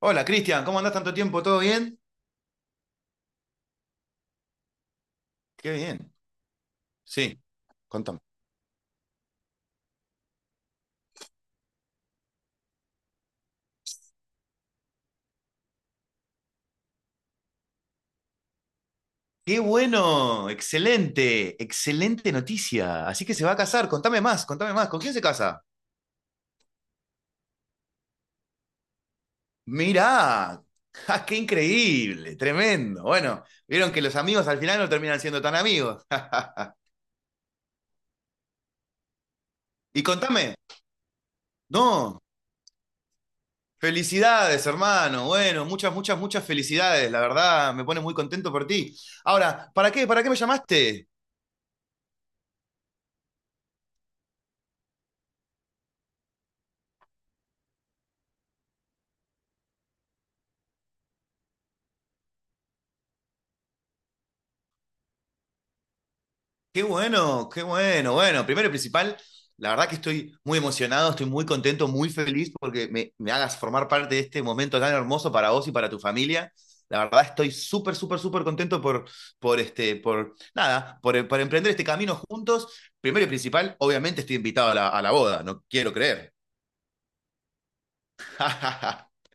Hola, Cristian, ¿cómo andás tanto tiempo? ¿Todo bien? Qué bien. Sí. Contame. Qué bueno, excelente, excelente noticia. Así que se va a casar, contame más, contame más. ¿Con quién se casa? Mirá. ¡Ja, qué increíble, tremendo! Bueno, vieron que los amigos al final no terminan siendo tan amigos. Y contame, no, felicidades, hermano. Bueno, muchas, muchas, muchas felicidades. La verdad, me pone muy contento por ti. Ahora, ¿para qué? ¿Para qué me llamaste? Qué bueno, qué bueno. Bueno, primero y principal, la verdad que estoy muy emocionado, estoy muy contento, muy feliz porque me hagas formar parte de este momento tan hermoso para vos y para tu familia. La verdad estoy súper, súper, súper contento por, este, por, nada, por emprender este camino juntos. Primero y principal, obviamente estoy invitado a la boda, no quiero creer.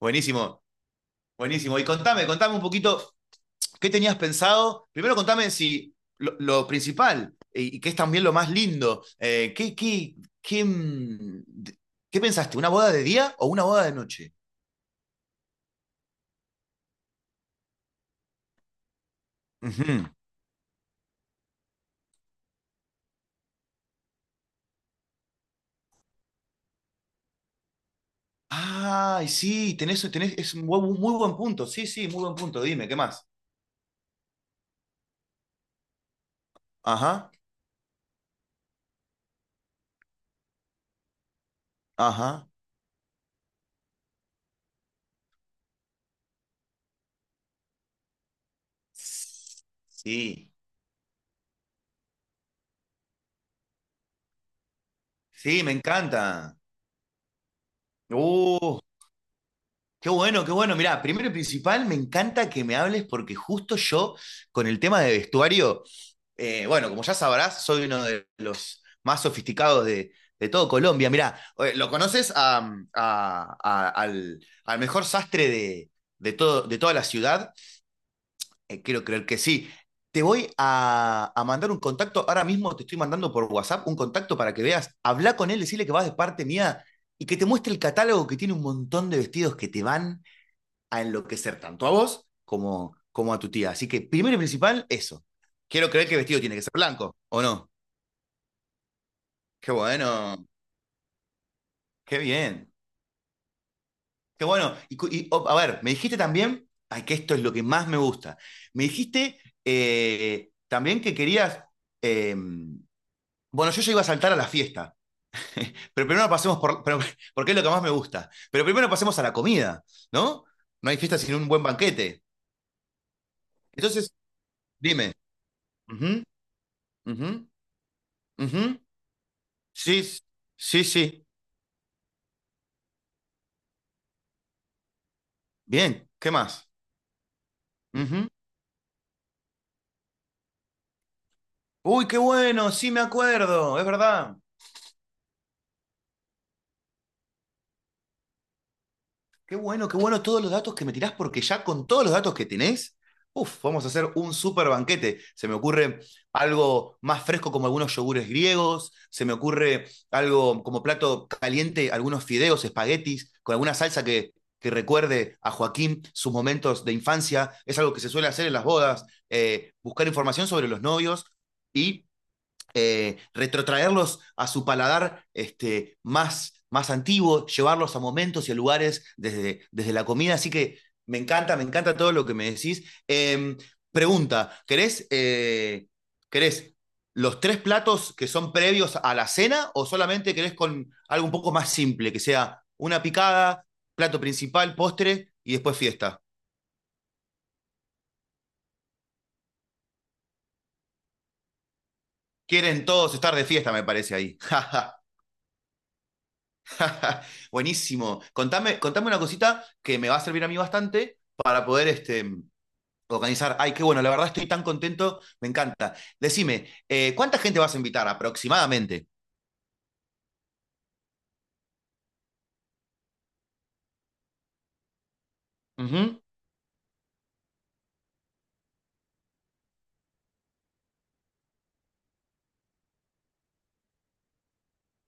Buenísimo, buenísimo. Y contame, contame un poquito. ¿Qué tenías pensado? Primero contame si lo principal, y que es también lo más lindo, ¿qué, qué, qué, qué pensaste? ¿Una boda de día o una boda de noche? Ujú. Ay, sí, tenés, tenés, es un muy buen punto. Sí, sí, muy buen punto. Dime, ¿qué más? Ajá, ajá. Sí, sí, me encanta. Uh, qué bueno, qué bueno. Mirá, primero y principal, me encanta que me hables porque justo yo, con el tema de vestuario, bueno, como ya sabrás, soy uno de los más sofisticados de todo Colombia. Mirá, lo conoces a, al mejor sastre de, todo, de toda la ciudad. Quiero creer que sí. Te voy a mandar un contacto. Ahora mismo te estoy mandando por WhatsApp un contacto para que veas. Habla con él, decirle que vas de parte mía y que te muestre el catálogo que tiene un montón de vestidos que te van a enloquecer tanto a vos como, como a tu tía. Así que, primero y principal, eso. Quiero creer que el vestido tiene que ser blanco, ¿o no? Qué bueno, qué bien, qué bueno. Y, oh, a ver, me dijiste también, ay, que esto es lo que más me gusta. Me dijiste también que querías, eh, bueno, yo ya iba a saltar a la fiesta, pero primero pasemos porque es lo que más me gusta, pero primero pasemos a la comida, ¿no? No hay fiesta sin un buen banquete. Entonces, dime. Ujú, ujú, ujú. Sí, sí, sí. Bien, ¿qué más? Ujú. Uy, qué bueno, sí me acuerdo, es verdad. Qué bueno todos los datos que me tirás, porque ya con todos los datos que tenés, uf, vamos a hacer un super banquete. Se me ocurre algo más fresco como algunos yogures griegos, se me ocurre algo como plato caliente, algunos fideos, espaguetis, con alguna salsa que recuerde a Joaquín sus momentos de infancia. Es algo que se suele hacer en las bodas, buscar información sobre los novios y retrotraerlos a su paladar este, más, más antiguo, llevarlos a momentos y a lugares desde, desde la comida. Así que me encanta todo lo que me decís. Pregunta, ¿querés los tres platos que son previos a la cena o solamente querés con algo un poco más simple, que sea una picada, plato principal, postre y después fiesta? Quieren todos estar de fiesta, me parece ahí. Buenísimo. Contame, contame una cosita que me va a servir a mí bastante para poder este, organizar. Ay, qué bueno, la verdad estoy tan contento, me encanta. Decime, ¿cuánta gente vas a invitar aproximadamente? Ujú.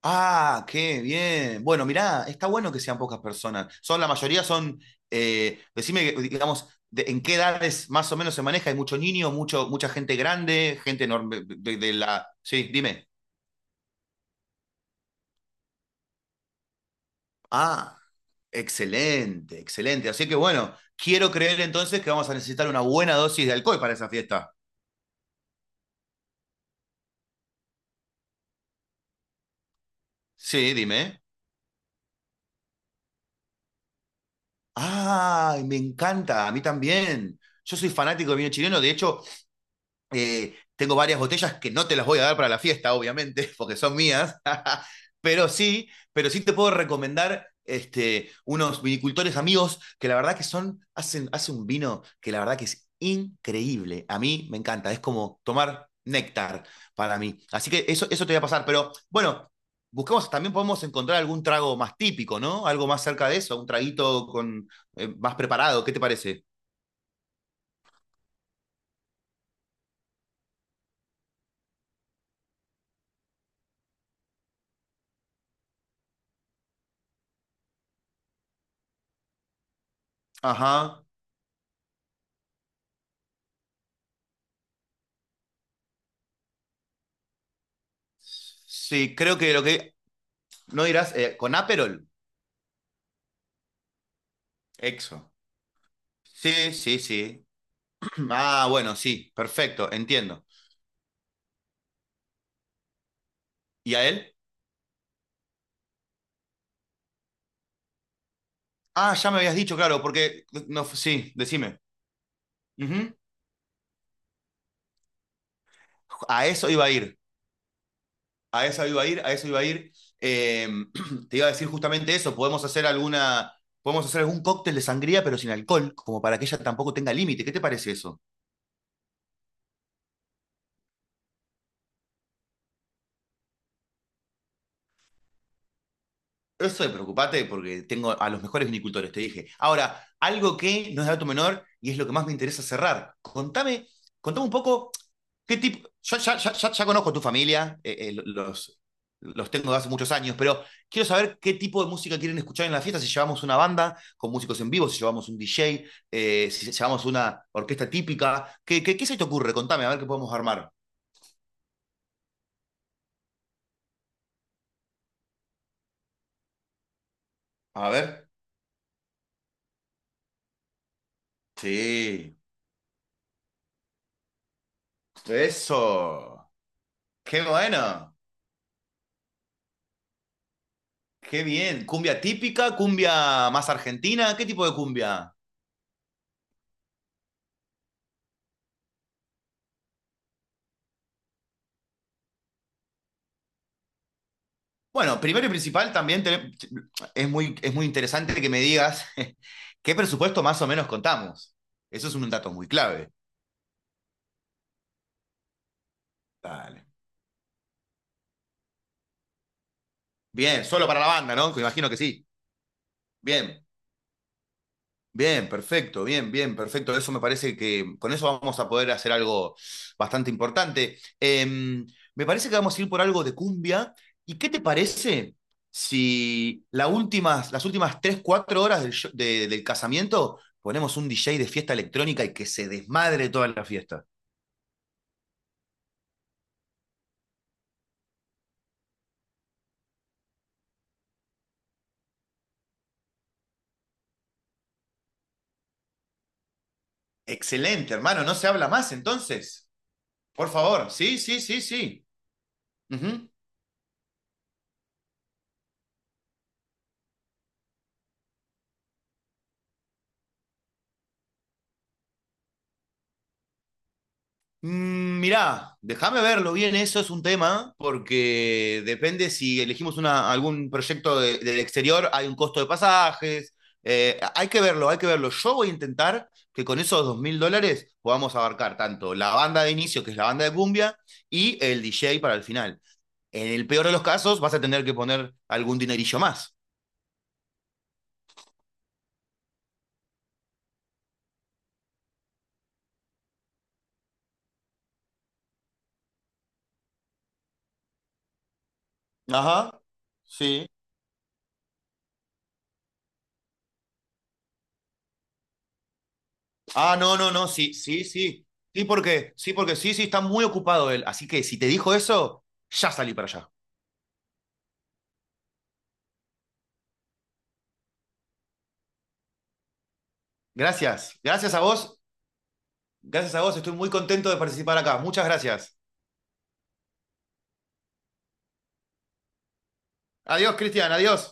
Ah, qué bien. Bueno, mirá, está bueno que sean pocas personas. Son, la mayoría son, decime, digamos, en qué edades más o menos se maneja. Hay mucho niño, mucho, mucha gente grande, gente enorme de la... Sí, dime. Ah. Excelente, excelente. Así que bueno, quiero creer entonces que vamos a necesitar una buena dosis de alcohol para esa fiesta. Sí, dime. Ay, me encanta, a mí también. Yo soy fanático del vino chileno, de hecho. Tengo varias botellas que no te las voy a dar para la fiesta, obviamente, porque son mías, pero sí te puedo recomendar este, unos vinicultores amigos que la verdad que son, hacen, hacen un vino que la verdad que es increíble. A mí me encanta, es como tomar néctar para mí. Así que eso te voy a pasar, pero bueno, busquemos, también podemos encontrar algún trago más típico, ¿no? Algo más cerca de eso, un traguito con, más preparado, ¿qué te parece? Ajá. Sí, creo que lo que... No dirás, con Aperol. Exo. Sí, sí, sí. Ah, bueno, sí, perfecto, entiendo. ¿Y a él? Ah, ya me habías dicho, claro, porque no, sí, decime. Ujú. A eso iba a ir, a eso iba a ir, a eso iba a ir. Eh, te iba a decir justamente eso, podemos hacer alguna, podemos hacer algún cóctel de sangría, pero sin alcohol, como para que ella tampoco tenga límite. ¿Qué te parece eso? Eso de preocupate porque tengo a los mejores vinicultores, te dije. Ahora, algo que no es dato menor y es lo que más me interesa cerrar. Contame, contame un poco qué tipo. Yo ya, ya, ya, ya conozco a tu familia, los tengo de hace muchos años, pero quiero saber qué tipo de música quieren escuchar en la fiesta, si llevamos una banda con músicos en vivo, si llevamos un DJ, si llevamos una orquesta típica. ¿Qué, qué, qué se te ocurre? Contame, a ver qué podemos armar. A ver. Sí. Eso. Qué bueno. Qué bien. ¿Cumbia típica? ¿Cumbia más argentina? ¿Qué tipo de cumbia? Bueno, primero y principal también es muy interesante que me digas qué presupuesto más o menos contamos. Eso es un dato muy clave. Dale. Bien, solo para la banda, ¿no? Me imagino que sí. Bien. Bien, perfecto, bien, bien, perfecto. Eso me parece que con eso vamos a poder hacer algo bastante importante. Me parece que vamos a ir por algo de cumbia. ¿Y qué te parece si la últimas, las últimas 3 4 horas del, del casamiento ponemos un DJ de fiesta electrónica y que se desmadre toda la fiesta? Excelente, hermano, no se habla más entonces. Por favor, sí, sí, sí, sí. Ujú. Mirá, déjame verlo bien, eso es un tema, porque depende si elegimos una, algún proyecto del exterior, hay un costo de pasajes, hay que verlo, hay que verlo. Yo voy a intentar que con esos $2000 podamos abarcar tanto la banda de inicio, que es la banda de cumbia, y el DJ para el final. En el peor de los casos, vas a tener que poner algún dinerillo más. Ajá, sí. Ah, no, no, no, sí, sí, sí. Sí, porque, sí, porque sí, sí, está muy ocupado él. Así que si te dijo eso, ya salí para allá. Gracias. Gracias a vos. Gracias a vos. Estoy muy contento de participar acá. Muchas gracias. Adiós, Cristian. Adiós.